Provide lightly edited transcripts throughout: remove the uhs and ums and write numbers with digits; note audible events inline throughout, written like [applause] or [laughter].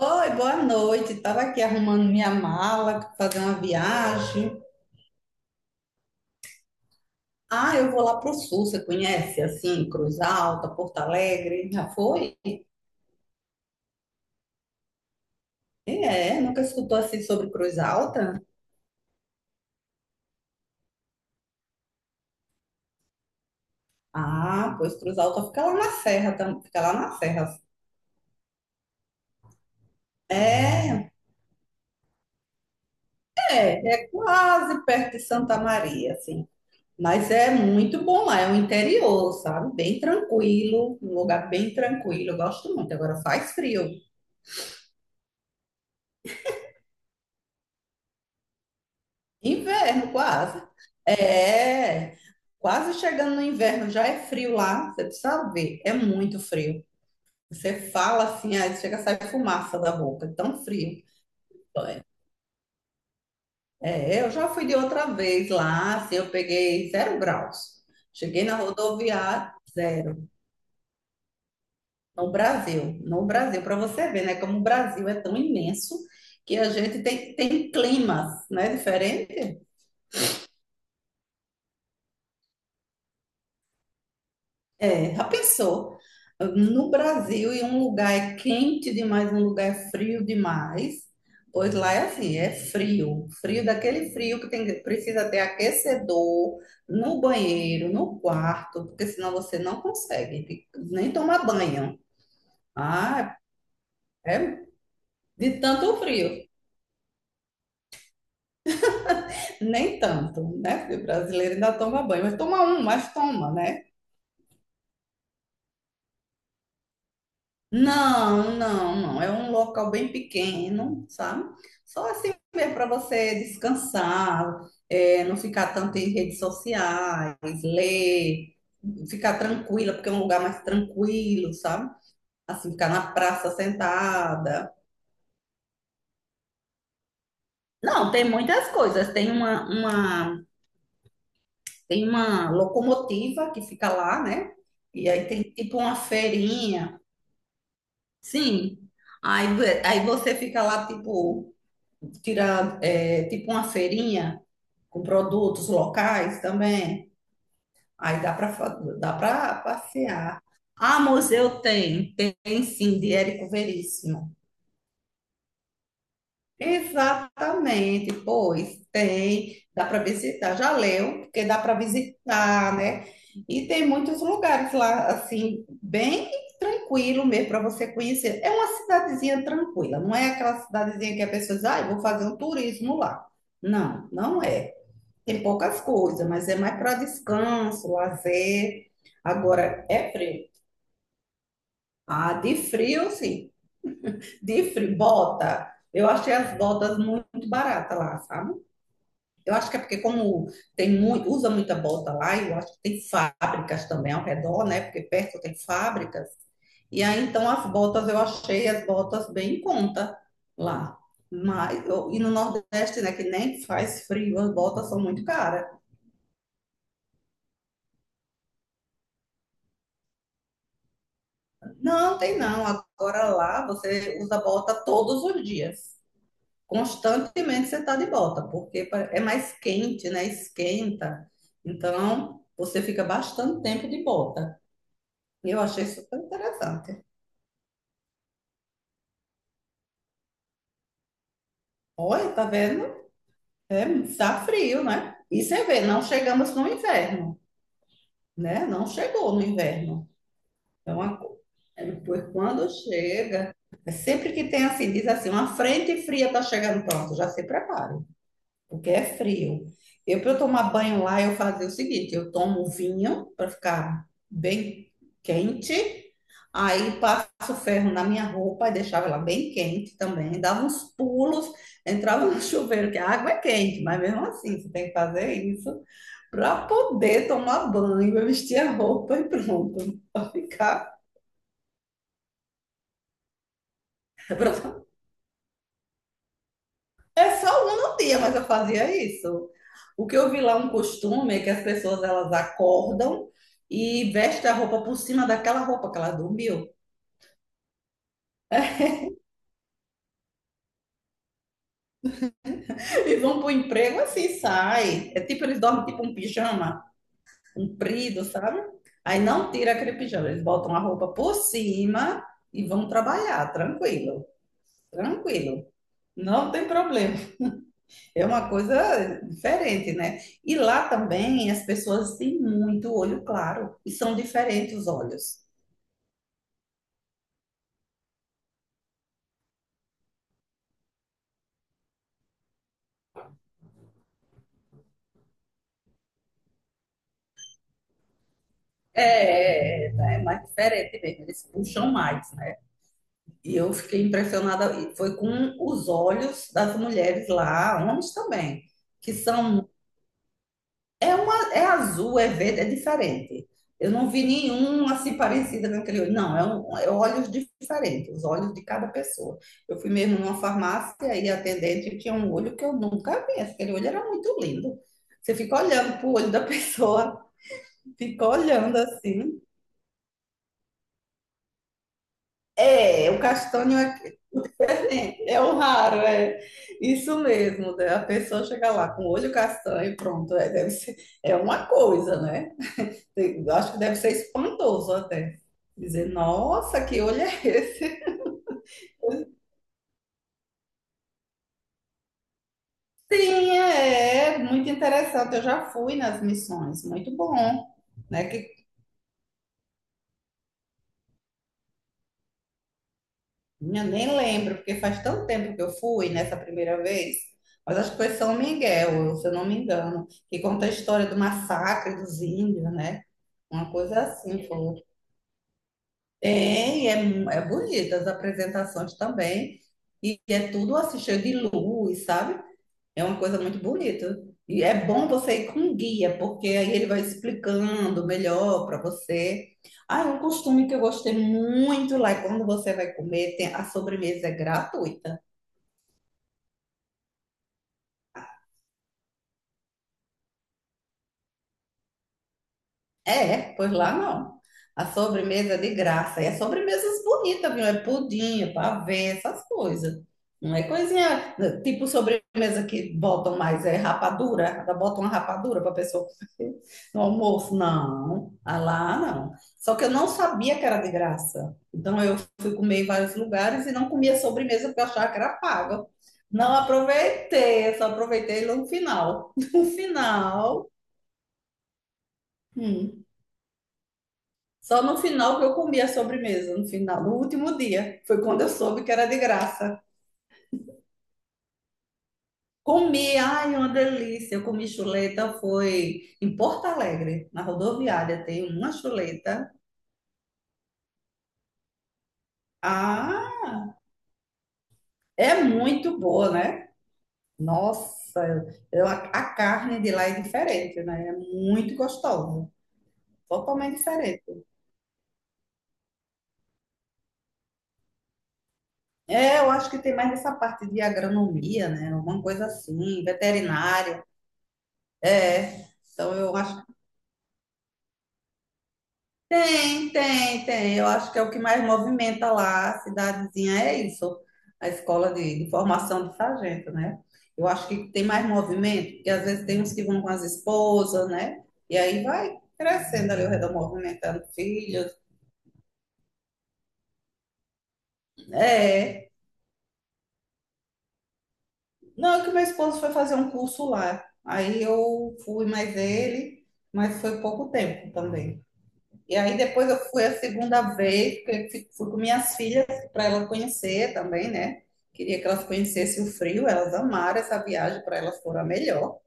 Oi, boa noite. Estava aqui arrumando minha mala, fazer uma viagem. Ah, eu vou lá para o sul, você conhece? Assim, Cruz Alta, Porto Alegre. Já foi? É, nunca escutou assim sobre Cruz Alta? Ah, pois Cruz Alta fica lá na Serra, fica lá na Serra. É, é quase perto de Santa Maria, assim. Mas é muito bom lá, é o interior, sabe? Bem tranquilo, um lugar bem tranquilo. Eu gosto muito. Agora faz frio. Inverno, quase. É, quase chegando no inverno, já é frio lá, você precisa ver, é muito frio. Você fala assim, aí chega a sair fumaça da boca, é tão frio. É, eu já fui de outra vez lá, assim, eu peguei zero graus. Cheguei na rodoviária, zero. No Brasil, para você ver, né, como o Brasil é tão imenso que a gente tem climas, né, diferente. É, já pensou? No Brasil, e um lugar é quente demais, um lugar é frio demais. Pois lá é assim, é frio. Frio daquele frio que tem, precisa ter aquecedor no banheiro, no quarto, porque senão você não consegue nem tomar banho. Ah, é de tanto frio. Nem tanto, né? Porque o brasileiro ainda toma banho, mas toma um, mas toma, né? Não. É um local bem pequeno, sabe? Só assim mesmo para você descansar, é, não ficar tanto em redes sociais, ler, ficar tranquila, porque é um lugar mais tranquilo, sabe? Assim, ficar na praça sentada. Não, tem muitas coisas. Tem tem uma locomotiva que fica lá, né? E aí tem tipo uma feirinha. Sim. Aí, aí você fica lá, tipo. Tirar é, tipo uma feirinha com produtos locais também. Aí dá para dá para passear. Ah, museu tem, tem sim, de Érico Veríssimo. Exatamente, pois tem, dá para visitar. Já leu, porque dá para visitar, né? E tem muitos lugares lá, assim, bem tranquilo mesmo para você conhecer. É uma cidadezinha tranquila, não é aquela cidadezinha que a pessoa diz, ah, eu vou fazer um turismo lá. Não, não é. Tem poucas coisas, mas é mais para descanso, lazer. Agora, é frio. Ah, de frio, sim. De frio, bota. Eu achei as botas muito baratas lá, sabe? Eu acho que é porque como tem muito, usa muita bota lá, e eu acho que tem fábricas também ao redor, né? Porque perto tem fábricas. E aí, então, eu achei as botas bem em conta lá. Mas, e no Nordeste, né, que nem faz frio, as botas são muito caras. Não, tem não. Agora lá você usa bota todos os dias. Constantemente você está de bota, porque é mais quente, né? Esquenta. Então você fica bastante tempo de bota. Eu achei super interessante. Olha, tá vendo? É, tá frio, né? E você vê, não chegamos no inverno, né? Não chegou no inverno. Então uma co- é, pois quando chega, é sempre que tem assim, diz assim, uma frente fria está chegando, pronto, já se prepare. Porque é frio. Eu, para eu tomar banho lá, eu fazia o seguinte: eu tomo vinho para ficar bem quente, aí passo ferro na minha roupa e deixava ela bem quente também, dava uns pulos, entrava no [laughs] chuveiro, que a água é quente, mas mesmo assim você tem que fazer isso para poder tomar banho, eu vestir a roupa e pronto, para ficar, [laughs] para é só uma no dia, mas eu fazia isso. O que eu vi lá é um costume é que as pessoas elas acordam e vestem a roupa por cima daquela roupa que ela dormiu e vão pro emprego assim, sai. É tipo eles dormem tipo um pijama comprido, sabe? Aí não tira aquele pijama, eles botam a roupa por cima e vão trabalhar, tranquilo. Não tem problema. É uma coisa diferente, né? E lá também as pessoas têm muito olho claro e são diferentes os olhos. É mais diferente mesmo, eles puxam mais, né? E eu fiquei impressionada, e foi com os olhos das mulheres lá, homens também, que são… É, é azul, é verde, é diferente. Eu não vi nenhum assim parecida com aquele olho. Não, é olhos diferentes, os olhos de cada pessoa. Eu fui mesmo numa farmácia e a atendente tinha um olho que eu nunca vi. Aquele olho era muito lindo. Você fica olhando pro olho da [laughs] pessoa, fica olhando assim. É, o castanho é diferente, [laughs] é o raro, é isso mesmo. Né? A pessoa chega lá com o olho castanho, pronto, é, deve ser, é uma coisa, né? Eu acho que deve ser espantoso até. Dizer, nossa, que olho é esse? Sim, é, é muito interessante. Eu já fui nas missões, muito bom, né? Que eu nem lembro, porque faz tanto tempo que eu fui nessa primeira vez, mas acho que foi São Miguel, se eu não me engano, que conta a história do massacre dos índios, né? Uma coisa assim, foi. Tem, é, é bonita as apresentações também, e é tudo assim, cheio de luz, sabe? É uma coisa muito bonita. E é bom você ir com guia, porque aí ele vai explicando melhor para você. Ah, é um costume que eu gostei muito lá é quando você vai comer, a sobremesa é gratuita. É, pois lá não. A sobremesa é de graça. E as sobremesas bonitas, viu? É pudim, é pavê, essas coisas. Não é coisinha, né, tipo sobremesa que botam mais, é rapadura, ainda botam uma rapadura para a pessoa comer no almoço. Não, ah, lá não. Só que eu não sabia que era de graça. Então eu fui comer em vários lugares e não comia sobremesa porque eu achava que era paga. Não aproveitei, eu só aproveitei no final. [laughs] No final. Hum, só no final que eu comi a sobremesa, no final, no último dia. Foi quando eu soube que era de graça. Comi, ai, uma delícia. Eu comi chuleta, foi em Porto Alegre, na rodoviária, tem uma chuleta. Ah, é muito boa, né? Nossa, a carne de lá é diferente, né? É muito gostosa, totalmente diferente. É, eu acho que tem mais essa parte de agronomia, né? Alguma coisa assim, veterinária. É, então eu acho… tem. Eu acho que é o que mais movimenta lá a cidadezinha, é isso, a escola de formação de sargento, né? Eu acho que tem mais movimento, porque às vezes tem uns que vão com as esposas, né? E aí vai crescendo ali o redor, movimentando filhos. É. Não, é que meu esposo foi fazer um curso lá. Aí eu fui mais ele, mas foi pouco tempo também. E aí depois eu fui a segunda vez, porque eu fui com minhas filhas para elas conhecer também, né? Queria que elas conhecessem o frio, elas amaram essa viagem, para elas foram a melhor.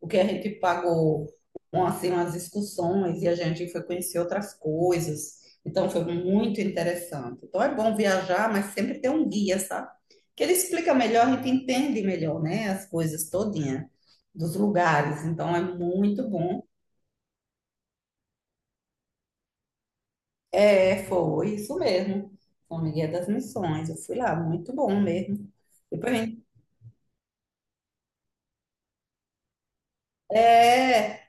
O que a gente pagou, um, assim, umas excursões e a gente foi conhecer outras coisas. Então foi muito interessante. Então é bom viajar, mas sempre ter um guia, sabe? Que ele explica melhor, a gente entende melhor, né? As coisas todinha dos lugares. Então é muito bom. É, foi isso mesmo. São Miguel das Missões. Eu fui lá, muito bom mesmo. Depois, a gente- é,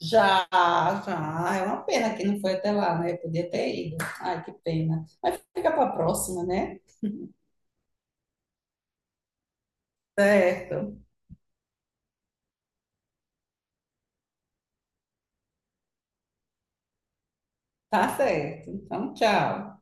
já, já. Ah, é uma pena que não foi até lá, né? Eu podia ter ido. Ai, que pena. Mas fica para a próxima, né? Certo. Tá certo. Então, tchau.